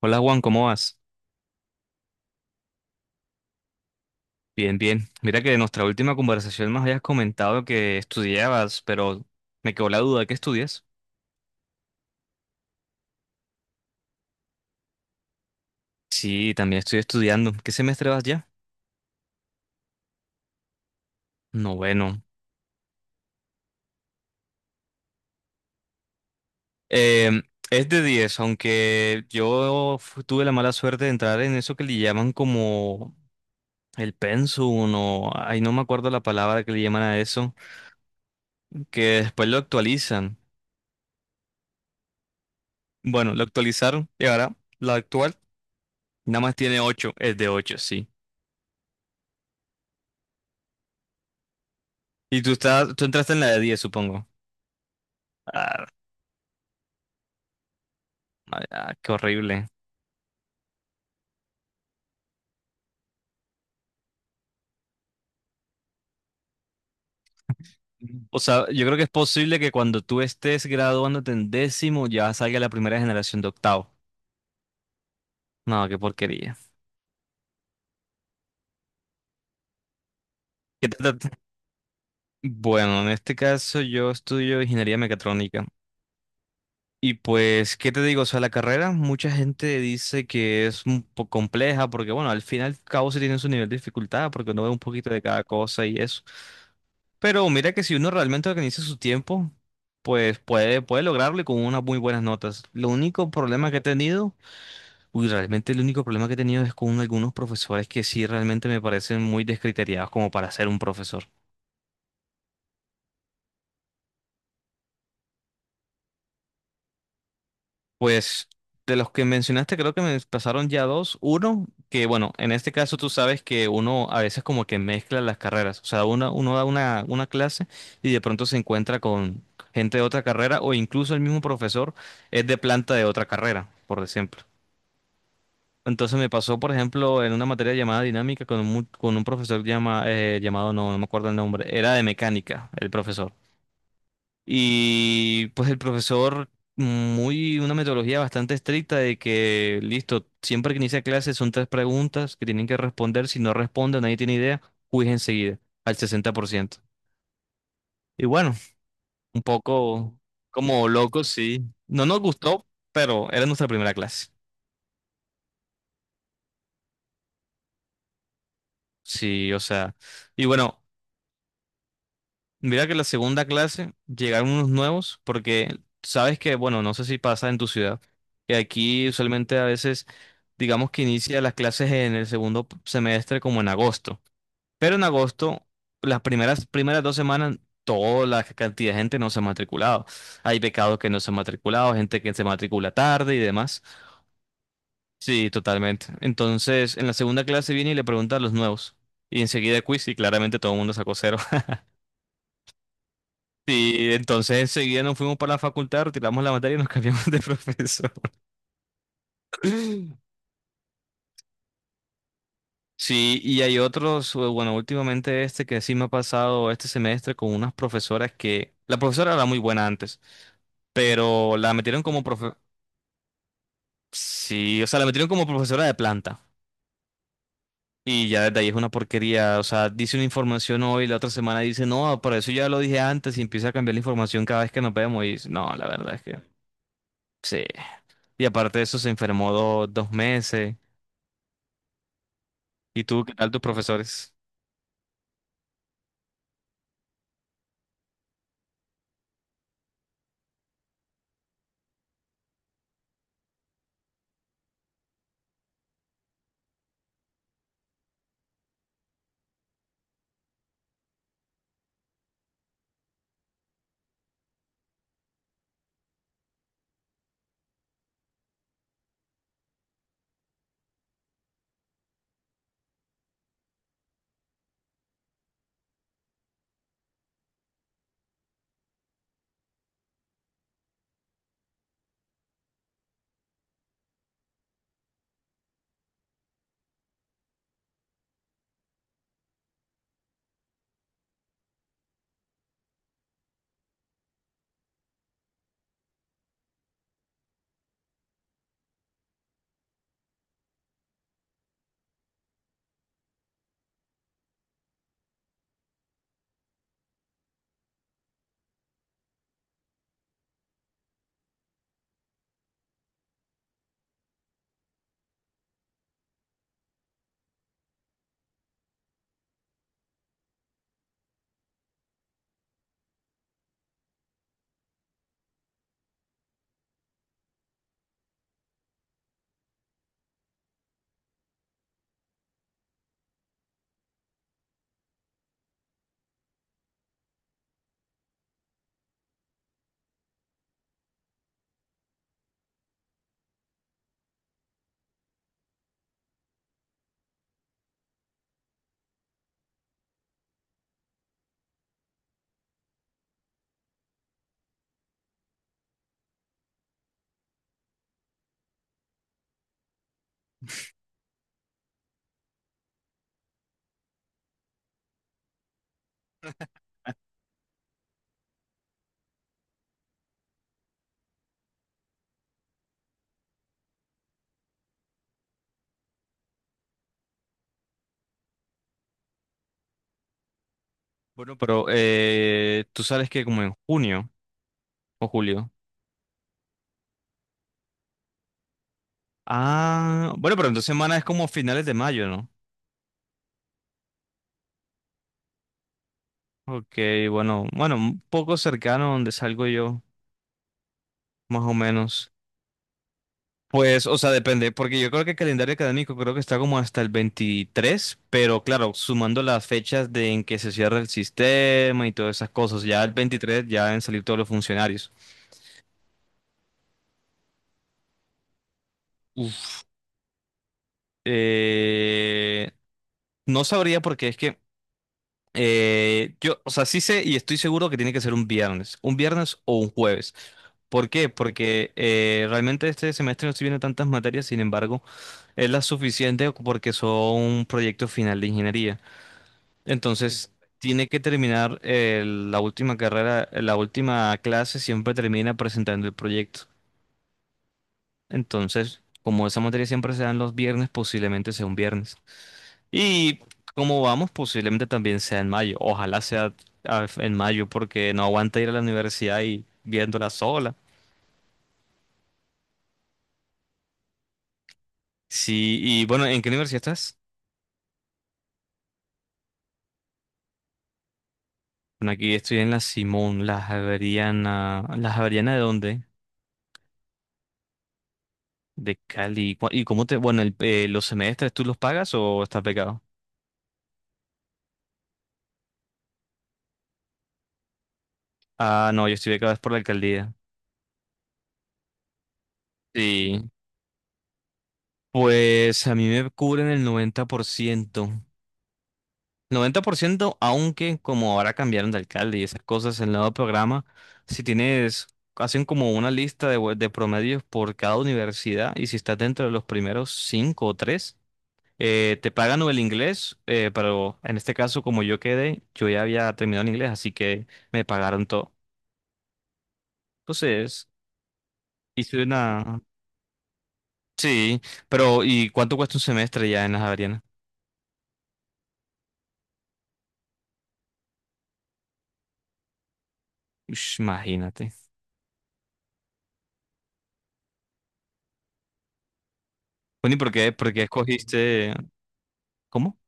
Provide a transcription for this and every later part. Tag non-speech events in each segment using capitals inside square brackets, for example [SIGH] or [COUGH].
Hola Juan, ¿cómo vas? Bien, bien. Mira que de nuestra última conversación nos habías comentado que estudiabas, pero me quedó la duda, ¿qué estudias? Sí, también estoy estudiando. ¿Qué semestre vas ya? Noveno. Em, es de 10, aunque tuve la mala suerte de entrar en eso que le llaman como el pensum Ay, no me acuerdo la palabra que le llaman a eso, que después lo actualizan. Bueno, lo actualizaron y ahora la actual nada más tiene 8, es de 8, sí. Y tú estás, tú entraste en la de 10, supongo. Ah, ah, qué horrible. O sea, yo creo que es posible que cuando tú estés graduándote en décimo ya salga la primera generación de octavo. No, qué porquería. ¿Qué te- te- te- Bueno, en este caso yo estudio ingeniería mecatrónica. Y pues, ¿qué te digo? O sea, la carrera, mucha gente dice que es un poco compleja porque, bueno, al fin y al cabo sí tiene su nivel de dificultad porque uno ve un poquito de cada cosa y eso. Pero mira que si uno realmente organiza su tiempo, pues puede lograrlo y con unas muy buenas notas. Lo único problema que he tenido, uy, realmente el único problema que he tenido es con algunos profesores que sí realmente me parecen muy descriteriados como para ser un profesor. Pues de los que mencionaste, creo que me pasaron ya dos. Uno, que bueno, en este caso tú sabes que uno a veces como que mezcla las carreras. O sea, uno da una clase y de pronto se encuentra con gente de otra carrera o incluso el mismo profesor es de planta de otra carrera, por ejemplo. Entonces me pasó, por ejemplo, en una materia llamada dinámica con con un profesor llamado, no, no me acuerdo el nombre, era de mecánica, el profesor. Y pues el profesor, muy, una metodología bastante estricta de que, listo, siempre que inicia clase son tres preguntas que tienen que responder. Si no responden, nadie tiene idea, quiz enseguida, al 60%. Y bueno, un poco como loco, sí. No nos gustó, pero era nuestra primera clase. Sí, o sea. Y bueno, mira que la segunda clase llegaron unos nuevos porque sabes que, bueno, no sé si pasa en tu ciudad, que aquí usualmente a veces digamos que inicia las clases en el semestre como en agosto, pero en agosto las primeras 2 semanas toda la cantidad de gente no se ha matriculado. Hay becados que no se han matriculado, gente que se matricula tarde y demás. Sí, totalmente. Entonces en la segunda clase viene y le pregunta a los nuevos y enseguida quiz y claramente todo el mundo sacó cero. Sí, entonces enseguida nos fuimos para la facultad, retiramos la materia y nos cambiamos de [LAUGHS] profesor. Sí, y hay otros, bueno, últimamente este que sí me ha pasado este semestre con unas profesoras que, la profesora era muy buena antes, pero la metieron como profe, sí, o sea, la metieron como profesora de planta. Y ya desde ahí es una porquería, o sea, dice una información hoy, la otra semana dice, no, por eso ya lo dije antes y empieza a cambiar la información cada vez que nos vemos y no, la verdad es que sí. Y aparte de eso se enfermó 2 meses. ¿Y tú qué tal tus profesores? Bueno, pero tú sabes que como en junio o julio. Ah, bueno, pero entonces semana es como finales de mayo, ¿no? Ok, bueno, bueno, un poco cercano a donde salgo yo, más o menos. Pues, o sea, depende, porque yo creo que el calendario académico creo que está como hasta el 23, pero claro, sumando las fechas de en que se cierra el sistema y todas esas cosas, ya el 23 ya deben salir todos los funcionarios. Uf. Eh, no sabría porque es que yo, o sea, sí sé y estoy seguro que tiene que ser un viernes o un jueves. ¿Por qué? Porque realmente este semestre no estoy viendo tantas materias, sin embargo, es la suficiente porque son proyecto final de ingeniería. Entonces, tiene que terminar la última carrera, la última clase siempre termina presentando el proyecto. Entonces, como esa materia siempre se da en los viernes, posiblemente sea un viernes. Y como vamos, posiblemente también sea en mayo. Ojalá sea en mayo porque no aguanta ir a la universidad y viéndola sola. Sí, y bueno, ¿en qué universidad estás? Bueno, aquí estoy en la Simón, la Javeriana. ¿La Javeriana de dónde? De Cali. ¿Y cómo te? Bueno, ¿los semestres tú los pagas o estás becado? Ah, no, yo estoy becado es por la alcaldía. Sí. Pues a mí me cubren el 90%. 90%, aunque como ahora cambiaron de alcalde y esas cosas, el nuevo programa, si tienes, hacen como una lista de, de promedios por cada universidad y si estás dentro de los primeros cinco o tres, te pagan o el inglés, pero en este caso como yo quedé, yo ya había terminado el inglés, así que me pagaron todo. Entonces, hice una. Sí, pero ¿y cuánto cuesta un semestre ya en las Javeriana? Ush, imagínate. Bueno, ¿y por qué escogiste? ¿Cómo?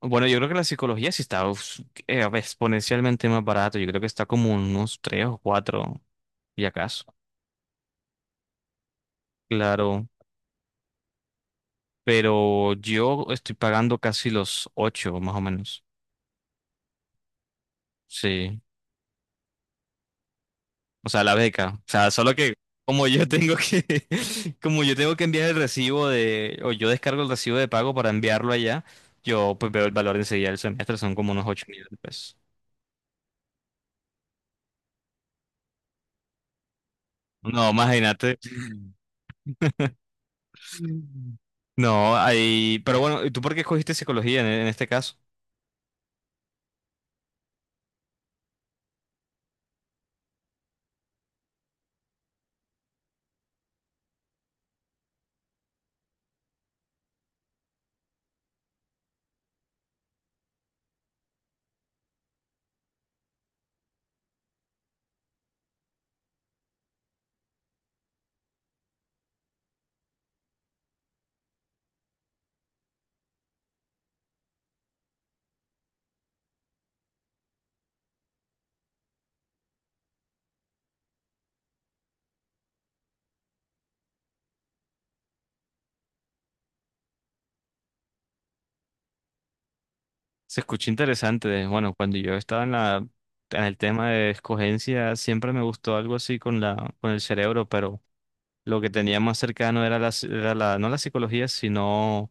Bueno, yo creo que la psicología sí está uf, exponencialmente más barato. Yo creo que está como unos 3 o 4 y acaso. Claro, pero yo estoy pagando casi los 8, más o menos. Sí, o sea, la beca. O sea, solo que como yo tengo que, [LAUGHS] como yo tengo que enviar el recibo de, o yo descargo el recibo de pago para enviarlo allá, yo pues veo el valor enseguida del semestre, son como unos 8 millones de pesos. No, imagínate. No, ahí, pero bueno, ¿y tú por qué escogiste psicología en este caso? Se escucha interesante. Bueno, cuando yo estaba en el tema de escogencia, siempre me gustó algo así con el cerebro, pero lo que tenía más cercano era la, ci- era la, no la psicología, sino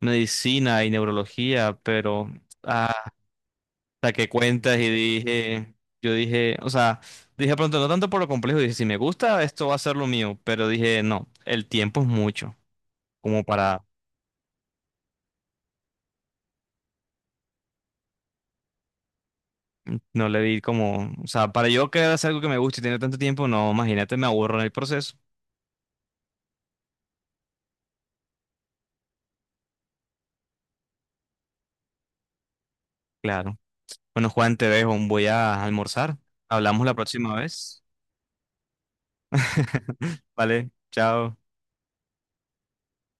medicina y neurología, pero ah, hasta que cuentas y dije, yo dije, o sea, dije pronto, no tanto por lo complejo, dije, si me gusta, esto va a ser lo mío, pero dije, no, el tiempo es mucho, como para. No le di como, o sea, para yo que hacer algo que me guste y tener tanto tiempo, no, imagínate, me aburro en el proceso. Claro. Bueno, Juan, te dejo. Voy a almorzar. Hablamos la próxima vez. [LAUGHS] Vale, chao.